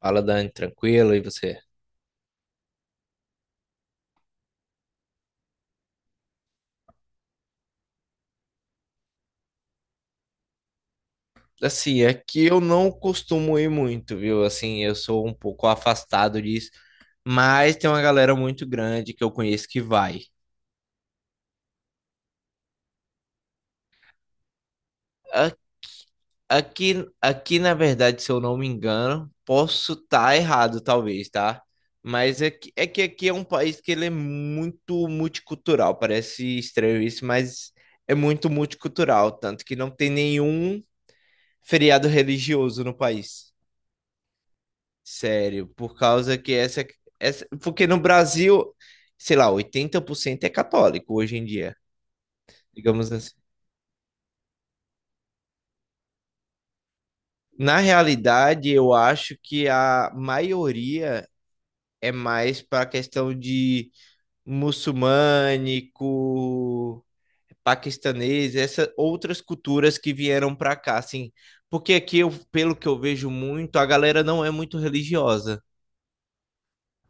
Fala, Dani, tranquilo, e você? Assim, é que eu não costumo ir muito, viu? Assim, eu sou um pouco afastado disso, mas tem uma galera muito grande que eu conheço que vai. A- aqui, na verdade, se eu não me engano, posso estar errado, talvez, tá? Mas é que aqui é um país que ele é muito multicultural, parece estranho isso, mas é muito multicultural, tanto que não tem nenhum feriado religioso no país. Sério, por causa que essa. Porque no Brasil, sei lá, 80% é católico hoje em dia, digamos assim. Na realidade, eu acho que a maioria é mais para a questão de muçulmânico, paquistanês, essas outras culturas que vieram para cá, assim. Porque aqui, eu, pelo que eu vejo muito, a galera não é muito religiosa.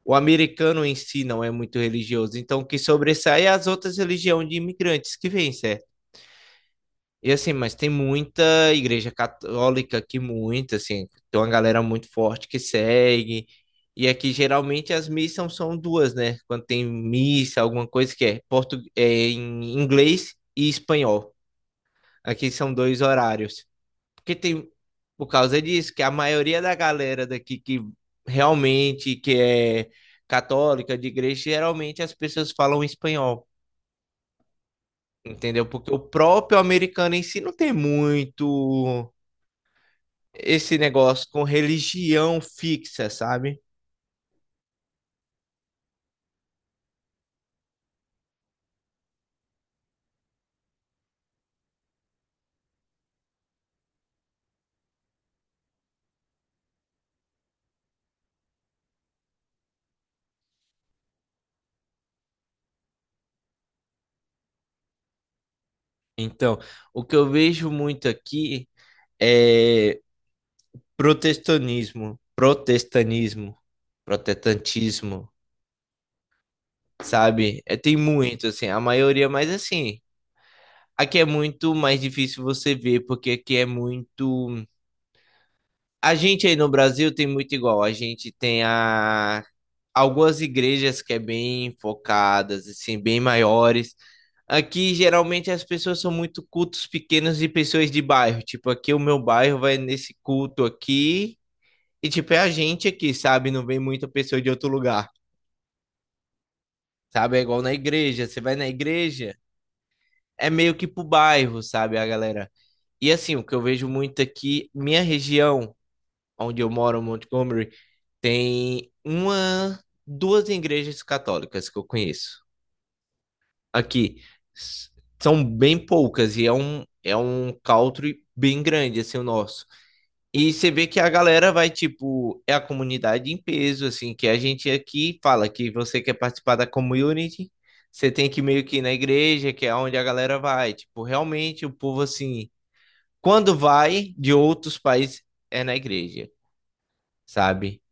O americano em si não é muito religioso, então o que sobressai é as outras religiões de imigrantes que vêm, certo? E assim, mas tem muita igreja católica aqui, muita, assim, tem uma galera muito forte que segue. E aqui geralmente as missas são duas, né? Quando tem missa, alguma coisa que é, portu... é em inglês e espanhol. Aqui são dois horários. Porque tem, por causa disso, que a maioria da galera daqui que realmente que é católica, de igreja, geralmente as pessoas falam espanhol, entendeu? Porque o próprio americano em si não tem muito esse negócio com religião fixa, sabe? Então, o que eu vejo muito aqui é protestantismo, protestanismo, protestantismo, sabe? É, tem muito, assim, a maioria, mas assim, aqui é muito mais difícil você ver, porque aqui é muito. A gente aí no Brasil tem muito igual. A gente tem a... algumas igrejas que é bem focadas, assim, bem maiores. Aqui geralmente as pessoas são muito cultos pequenos e pessoas de bairro. Tipo, aqui o meu bairro vai nesse culto aqui. E tipo, é a gente aqui, sabe? Não vem muita pessoa de outro lugar. Sabe? É igual na igreja. Você vai na igreja, é meio que pro bairro, sabe, a galera? E assim, o que eu vejo muito aqui, minha região, onde eu moro, Montgomery, tem uma, duas igrejas católicas que eu conheço. Aqui S- são bem poucas e é um country bem grande assim o nosso. E você vê que a galera vai tipo, é a comunidade em peso assim, que a gente aqui fala que você quer participar da community, você tem que meio que ir na igreja, que é onde a galera vai, tipo, realmente o povo assim quando vai de outros países, é na igreja, sabe?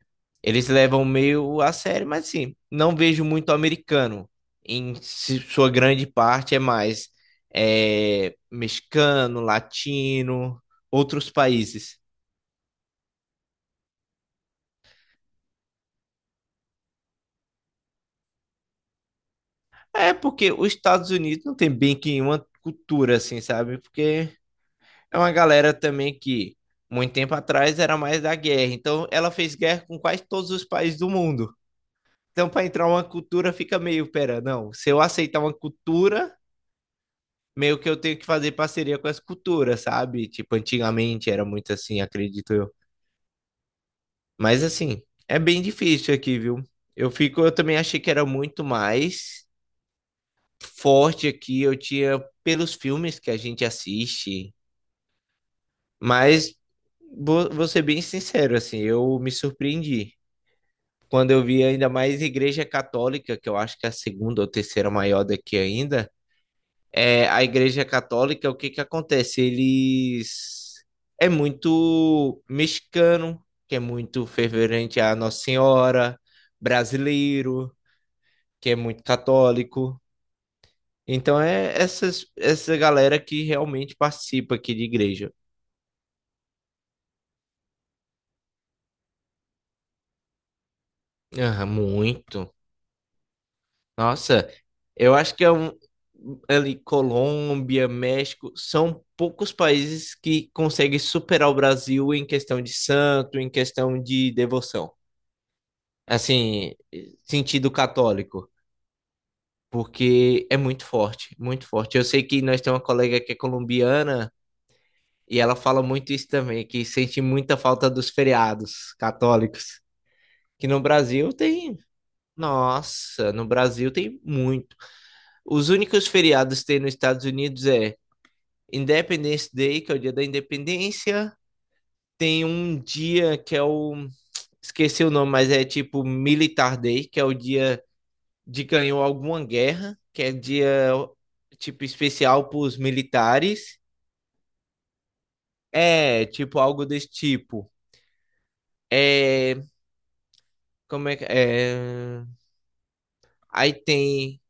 Eles levam meio a sério, mas assim, não vejo muito americano. Sua grande parte é mais é, mexicano, latino, outros países. É porque os Estados Unidos não tem bem que uma cultura assim, sabe? Porque é uma galera também que muito tempo atrás era mais da guerra. Então ela fez guerra com quase todos os países do mundo. Então, para entrar uma cultura, fica meio, pera, não. Se eu aceitar uma cultura, meio que eu tenho que fazer parceria com as culturas, sabe? Tipo, antigamente era muito assim, acredito eu. Mas assim, é bem difícil aqui, viu? Eu fico, eu também achei que era muito mais forte aqui, eu tinha pelos filmes que a gente assiste, mas vou ser bem sincero, assim, eu me surpreendi. Quando eu vi ainda mais Igreja Católica, que eu acho que é a segunda ou terceira maior daqui ainda, é, a Igreja Católica, o que que acontece? Eles é muito mexicano, que é muito fervorente a Nossa Senhora, brasileiro, que é muito católico. Então é essa galera que realmente participa aqui de igreja. Ah, muito. Nossa, eu acho que é um, ali, Colômbia, México, são poucos países que conseguem superar o Brasil em questão de santo, em questão de devoção. Assim, sentido católico, porque é muito forte, muito forte. Eu sei que nós temos uma colega que é colombiana e ela fala muito isso também, que sente muita falta dos feriados católicos, que no Brasil tem, nossa, no Brasil tem muito. Os únicos feriados que tem nos Estados Unidos é Independence Day, que é o dia da independência, tem um dia que é o esqueci o nome, mas é tipo Militar Day, que é o dia de ganhou alguma guerra, que é dia tipo especial para os militares. É, tipo algo desse tipo. É, como é que é? Aí tem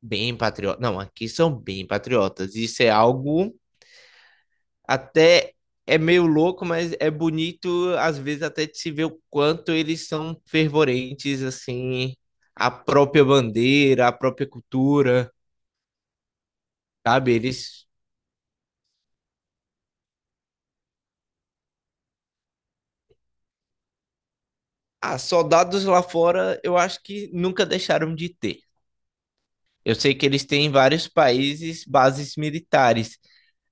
bem patriota. Não, aqui são bem patriotas. Isso é algo até é meio louco, mas é bonito às vezes até de se ver o quanto eles são fervorentes assim, a própria bandeira, a própria cultura, sabe? Eles ah, soldados lá fora, eu acho que nunca deixaram de ter. Eu sei que eles têm em vários países bases militares.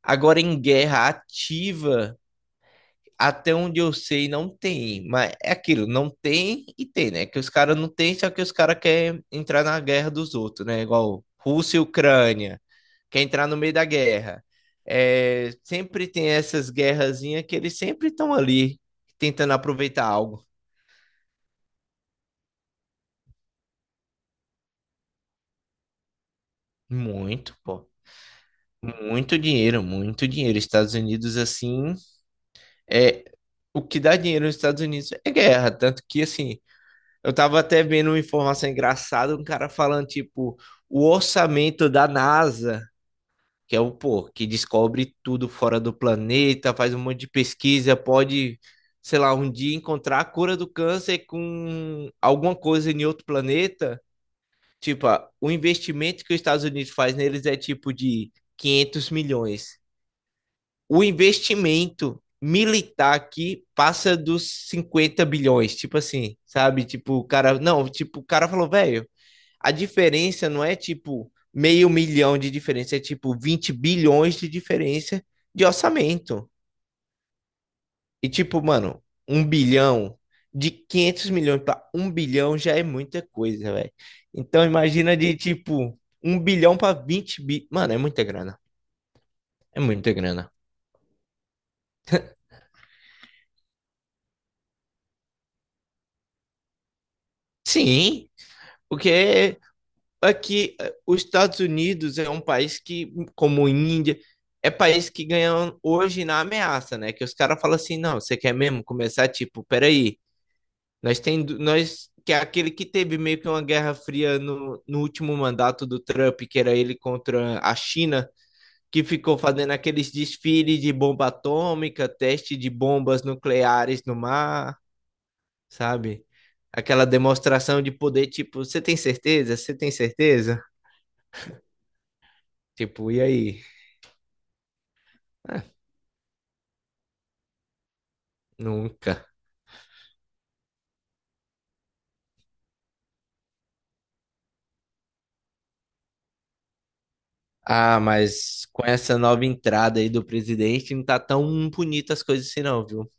Agora, em guerra ativa, até onde eu sei, não tem. Mas é aquilo, não tem e tem, né? Que os caras não tem, só que os caras querem entrar na guerra dos outros, né? Igual Rússia e Ucrânia, quer entrar no meio da guerra. É, sempre tem essas guerrazinhas que eles sempre estão ali tentando aproveitar algo. Muito, pô. Muito dinheiro, muito dinheiro. Estados Unidos, assim, é o que dá dinheiro nos Estados Unidos é guerra. Tanto que, assim, eu tava até vendo uma informação engraçada, um cara falando, tipo, o orçamento da NASA, que é o, pô, que descobre tudo fora do planeta, faz um monte de pesquisa, pode, sei lá, um dia encontrar a cura do câncer com alguma coisa em outro planeta. Tipo, ah, o investimento que os Estados Unidos faz neles é tipo de 500 milhões. O investimento militar aqui passa dos 50 bilhões, tipo assim, sabe? Tipo, o cara, não, tipo, o cara falou, velho, a diferença não é tipo meio milhão de diferença, é tipo 20 bilhões de diferença de orçamento. E tipo, mano, um bilhão de 500 milhões para um bilhão já é muita coisa, velho. Então imagina de tipo um bilhão para 20 bi, mano, é muita grana. É muita grana. Sim, porque aqui, os Estados Unidos é um país que, como a Índia, é país que ganha hoje na ameaça, né? Que os caras falam assim, não, você quer mesmo começar, tipo, peraí, nós tem, nós, que é aquele que teve meio que uma guerra fria no último mandato do Trump, que era ele contra a China, que ficou fazendo aqueles desfiles de bomba atômica, teste de bombas nucleares no mar, sabe? Aquela demonstração de poder, tipo, você tem certeza? Você tem certeza? Tipo, e aí? É, nunca. Ah, mas com essa nova entrada aí do presidente, não tá tão bonita as coisas assim, não, viu?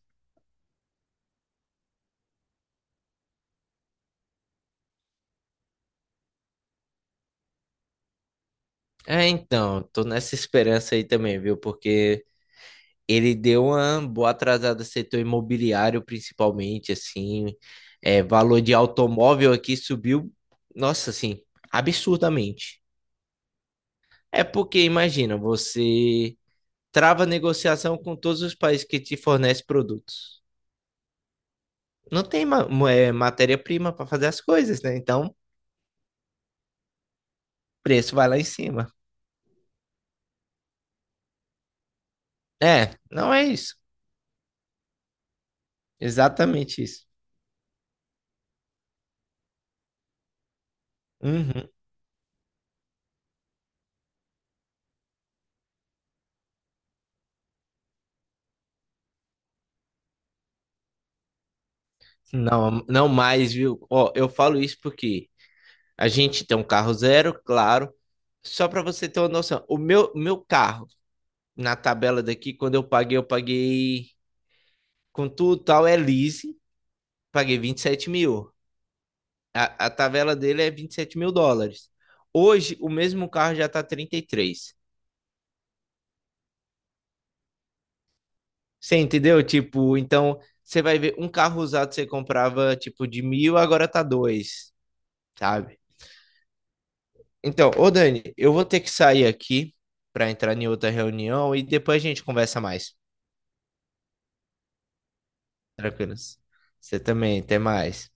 É, então, tô nessa esperança aí também, viu? Porque ele deu uma boa atrasada no setor imobiliário, principalmente, assim. É, valor de automóvel aqui subiu, nossa, assim, absurdamente. É porque, imagina, você trava negociação com todos os países que te fornecem produtos. Não tem é, matéria-prima para fazer as coisas, né? Então. Preço vai lá em cima. É, não é isso. Exatamente isso. Uhum. Não, não mais, viu? Ó, eu falo isso porque a gente tem um carro zero, claro. Só para você ter uma noção, o meu carro, na tabela daqui, quando eu paguei com tudo e tal, é lease, paguei 27 mil. A tabela dele é 27 mil dólares. Hoje, o mesmo carro já tá 33. Você entendeu? Tipo, então você vai ver um carro usado você comprava tipo de mil, agora tá dois, sabe? Então, ô Dani, eu vou ter que sair aqui para entrar em outra reunião e depois a gente conversa mais. Tranquilos. Você também, até mais.